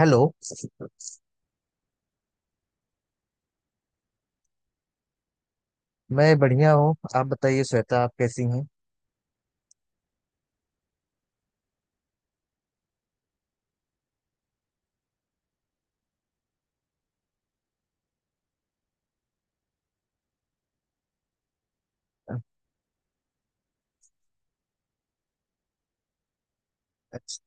Hello. मैं बढ़िया हूँ, आप बताइए श्वेता, आप कैसी हैं? अच्छा।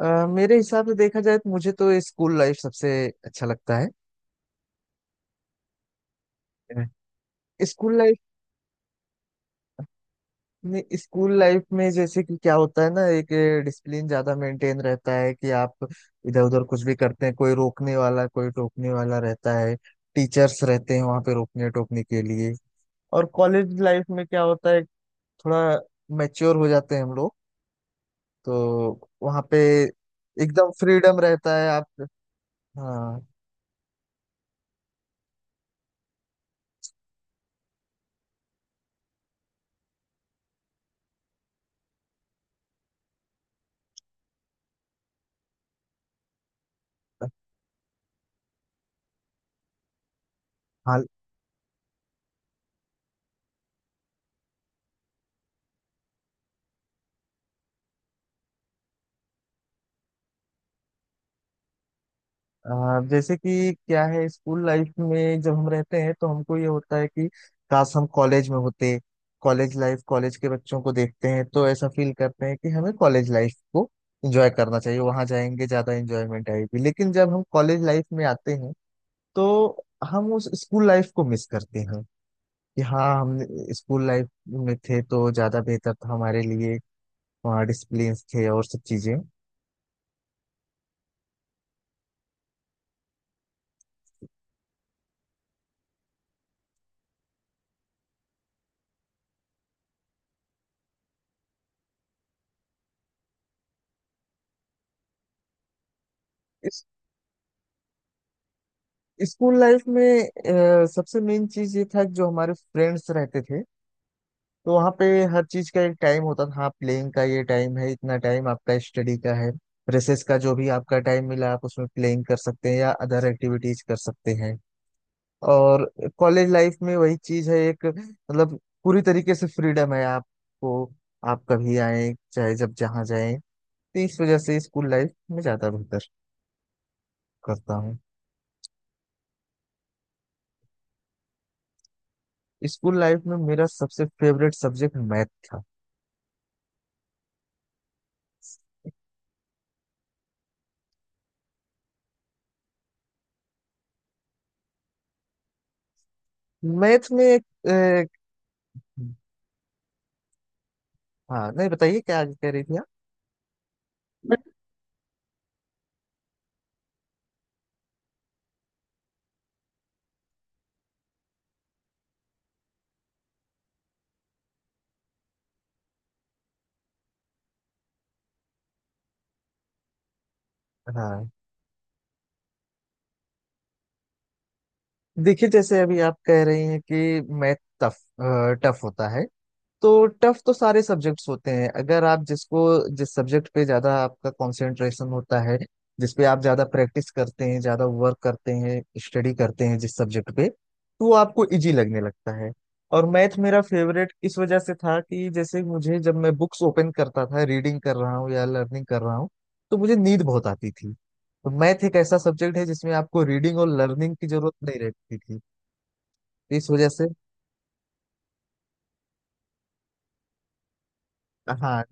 मेरे हिसाब से देखा जाए तो मुझे तो स्कूल लाइफ सबसे अच्छा लगता है। स्कूल लाइफ में, स्कूल लाइफ में जैसे कि क्या होता है ना, एक डिसिप्लिन ज्यादा मेंटेन रहता है कि आप इधर उधर कुछ भी करते हैं, कोई रोकने वाला कोई टोकने वाला रहता है, टीचर्स रहते हैं वहां पे रोकने टोकने के लिए। और कॉलेज लाइफ में क्या होता है, थोड़ा मैच्योर हो जाते हैं हम लोग, तो वहाँ पे एकदम फ्रीडम रहता है आप। हाँ। हाल। जैसे कि क्या है, स्कूल लाइफ में जब हम रहते हैं तो हमको ये होता है कि काश हम कॉलेज में होते। कॉलेज लाइफ, कॉलेज के बच्चों को देखते हैं तो ऐसा फील करते हैं कि हमें कॉलेज लाइफ को एंजॉय करना चाहिए, वहां जाएंगे ज्यादा एंजॉयमेंट आएगी। लेकिन जब हम कॉलेज लाइफ में आते हैं तो हम उस स्कूल लाइफ को मिस करते हैं कि हाँ, हम स्कूल लाइफ में थे तो ज्यादा बेहतर था हमारे लिए। हाँ, डिसिप्लिन थे और सब चीजें। इस- स्कूल लाइफ में सबसे मेन चीज ये था कि जो हमारे फ्रेंड्स रहते थे, तो वहाँ पे हर चीज का एक टाइम होता था। हाँ, प्लेइंग का ये टाइम है, इतना टाइम आपका स्टडी का है, रेसेस का, जो भी आपका टाइम मिला आप उसमें प्लेइंग कर सकते हैं या अदर एक्टिविटीज कर सकते हैं। और कॉलेज लाइफ में वही चीज है, एक मतलब पूरी तरीके से फ्रीडम है आपको। आप कभी आए, चाहे जब जहाँ जाएं, तो इस वजह से स्कूल लाइफ में ज्यादा बेहतर करता हूँ। स्कूल लाइफ में मेरा सबसे फेवरेट सब्जेक्ट मैथ था। मैथ में एक हाँ, नहीं बताइए क्या आगे कह रही थी आप। हाँ। देखिए, जैसे अभी आप कह रही हैं कि मैथ टफ टफ होता है, तो टफ तो सारे सब्जेक्ट्स होते हैं। अगर आप जिसको, जिस सब्जेक्ट पे ज्यादा आपका कंसंट्रेशन होता है, जिस पे आप ज्यादा प्रैक्टिस करते हैं, ज्यादा वर्क करते हैं, स्टडी करते हैं जिस सब्जेक्ट पे, तो वो आपको इजी लगने लगता है। और मैथ मेरा फेवरेट इस वजह से था कि जैसे मुझे जब मैं बुक्स ओपन करता था, रीडिंग कर रहा हूँ या लर्निंग कर रहा हूँ, तो मुझे नींद बहुत आती थी। तो मैथ एक ऐसा सब्जेक्ट है जिसमें आपको रीडिंग और लर्निंग की जरूरत नहीं रहती थी, तो इस वजह से। हाँ।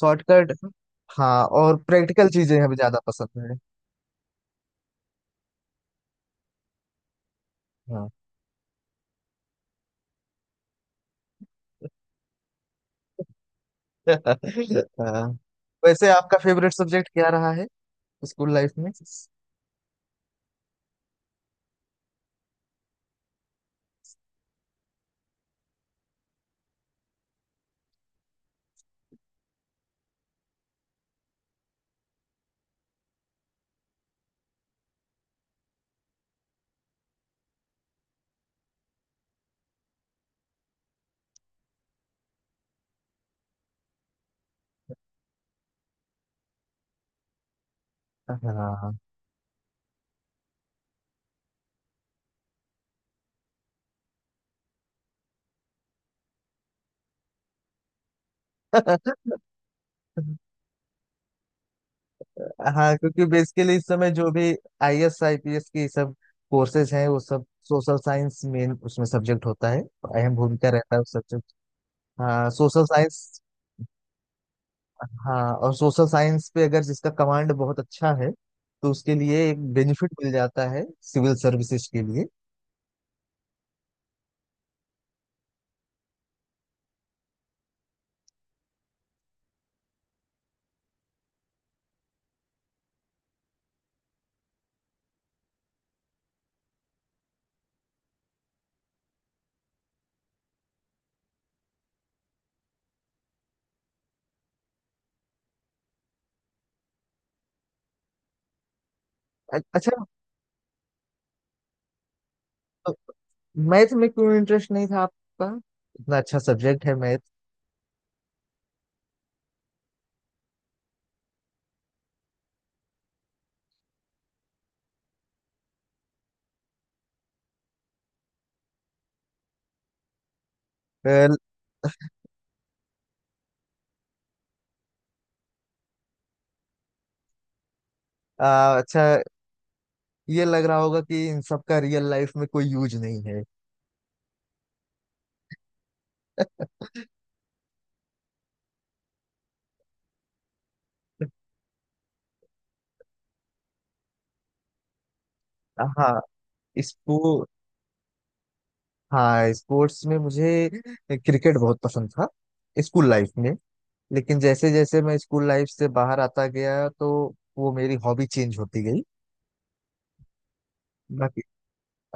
शॉर्टकट। हाँ, और प्रैक्टिकल चीजें हमें ज्यादा पसंद है। हाँ। हाँ। वैसे आपका फेवरेट सब्जेक्ट क्या रहा है स्कूल लाइफ में? हाँ। हाँ, क्योंकि बेसिकली इस समय जो भी आईएएस आईपीएस की सब कोर्सेज हैं, वो सब सोशल साइंस मेन उसमें सब्जेक्ट होता है। अहम भूमिका रहता है उस सब्जेक्ट। हाँ, सोशल साइंस। हाँ, और सोशल साइंस पे अगर जिसका कमांड बहुत अच्छा है तो उसके लिए एक बेनिफिट मिल जाता है सिविल सर्विसेज के लिए। अच्छा। तो मैथ में क्यों इंटरेस्ट नहीं था आपका? इतना अच्छा सब्जेक्ट है मैथ। वेल, अच्छा। ये लग रहा होगा कि इन सब का रियल लाइफ में कोई यूज नहीं है। हाँ। इसको, हाँ, स्पोर्ट्स में मुझे क्रिकेट बहुत पसंद था स्कूल लाइफ में। लेकिन जैसे जैसे मैं स्कूल लाइफ से बाहर आता गया, तो वो मेरी हॉबी चेंज होती गई। बाकी,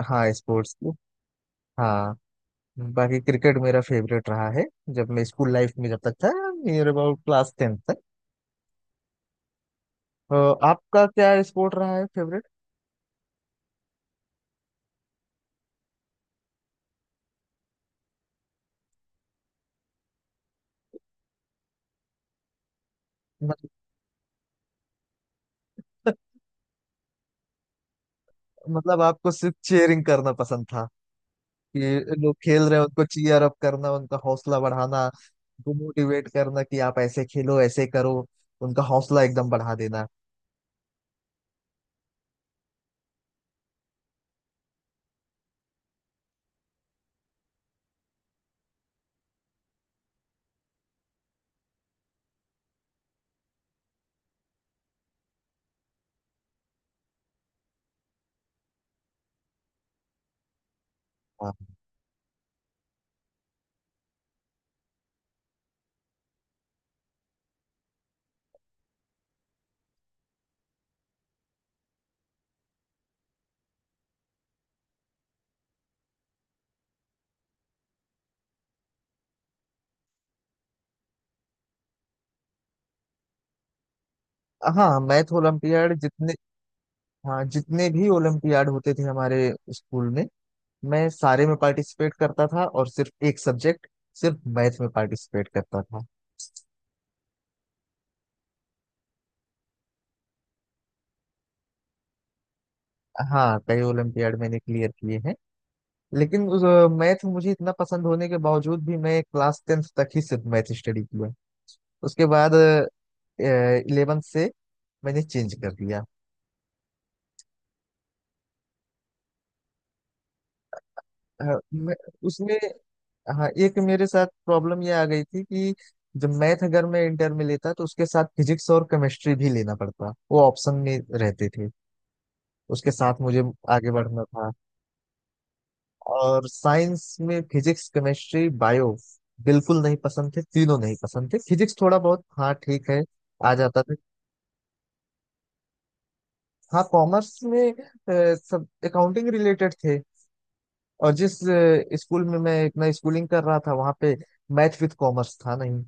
हाँ, स्पोर्ट्स की। हाँ, बाकी क्रिकेट मेरा फेवरेट रहा है जब मैं स्कूल लाइफ में जब तक था, नियर अबाउट क्लास टेंथ। अ, आपका क्या स्पोर्ट रहा है फेवरेट? मतलब, मतलब आपको सिर्फ चीयरिंग करना पसंद था कि लोग खेल रहे हैं उनको चीयर अप करना, उनका हौसला बढ़ाना, उनको मोटिवेट करना कि आप ऐसे खेलो ऐसे करो, उनका हौसला एकदम बढ़ा देना। हाँ। हाँ, मैथ ओलंपियाड जितने, हाँ, जितने भी ओलंपियाड होते थे हमारे स्कूल में मैं सारे में पार्टिसिपेट करता था। और सिर्फ एक सब्जेक्ट, सिर्फ मैथ में पार्टिसिपेट करता था। हाँ, कई ओलंपियाड मैंने क्लियर किए हैं। लेकिन उस, मैथ मुझे इतना पसंद होने के बावजूद भी मैं क्लास टेंथ तक ही सिर्फ मैथ स्टडी किया। उसके बाद इलेवेंथ से मैंने चेंज कर दिया। अ, मैं उसमें, हाँ, एक मेरे साथ प्रॉब्लम ये आ गई थी कि जब मैथ, अगर मैं इंटर में लेता तो उसके साथ फिजिक्स और केमिस्ट्री भी लेना पड़ता, वो ऑप्शन में रहते थे। उसके साथ मुझे आगे बढ़ना था। और साइंस में फिजिक्स, केमिस्ट्री, बायो बिल्कुल नहीं पसंद थे, तीनों नहीं पसंद थे। फिजिक्स थोड़ा बहुत, हाँ, ठीक है, आ जाता था। हाँ, कॉमर्स में सब अकाउंटिंग रिलेटेड थे। और जिस स्कूल में मैं इतना स्कूलिंग कर रहा था वहाँ पे मैथ विद कॉमर्स था नहीं,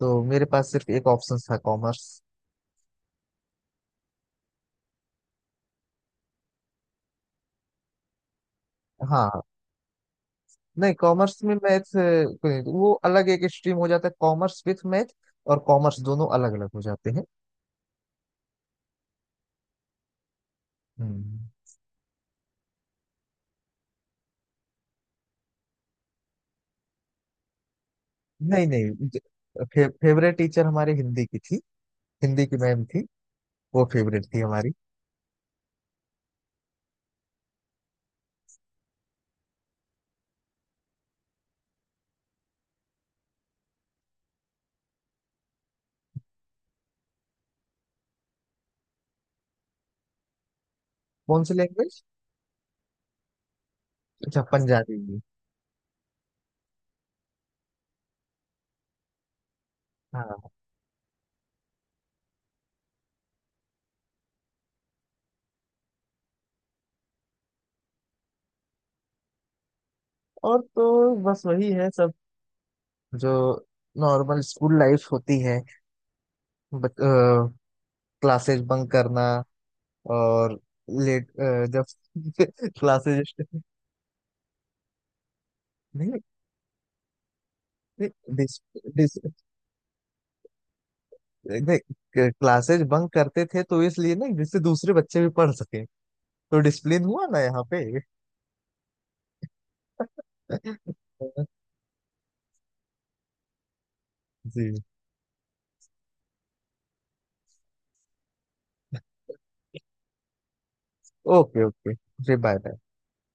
तो मेरे पास सिर्फ एक ऑप्शन था कॉमर्स। हाँ। नहीं, कॉमर्स में मैथ वो अलग एक स्ट्रीम हो जाता है, कॉमर्स विथ मैथ और कॉमर्स दोनों अलग अलग हो जाते हैं। हम्म। नहीं नहीं, फेवरेट टीचर हमारे हिंदी की थी, हिंदी की मैम थी, वो फेवरेट थी हमारी। कौन सी लैंग्वेज? अच्छा, पंजाबी में। हाँ, और तो बस वही है सब, जो नॉर्मल स्कूल लाइफ होती है, क्लासेस बंक करना, और लेट, जब क्लासेस, नहीं डिस, डिस, नहीं, क्लासेस बंक करते थे तो इसलिए ना, जिससे दूसरे बच्चे भी पढ़ सके, तो डिसिप्लिन हुआ ना यहाँ पे। जी। ओके ओके जी, बाय बाय।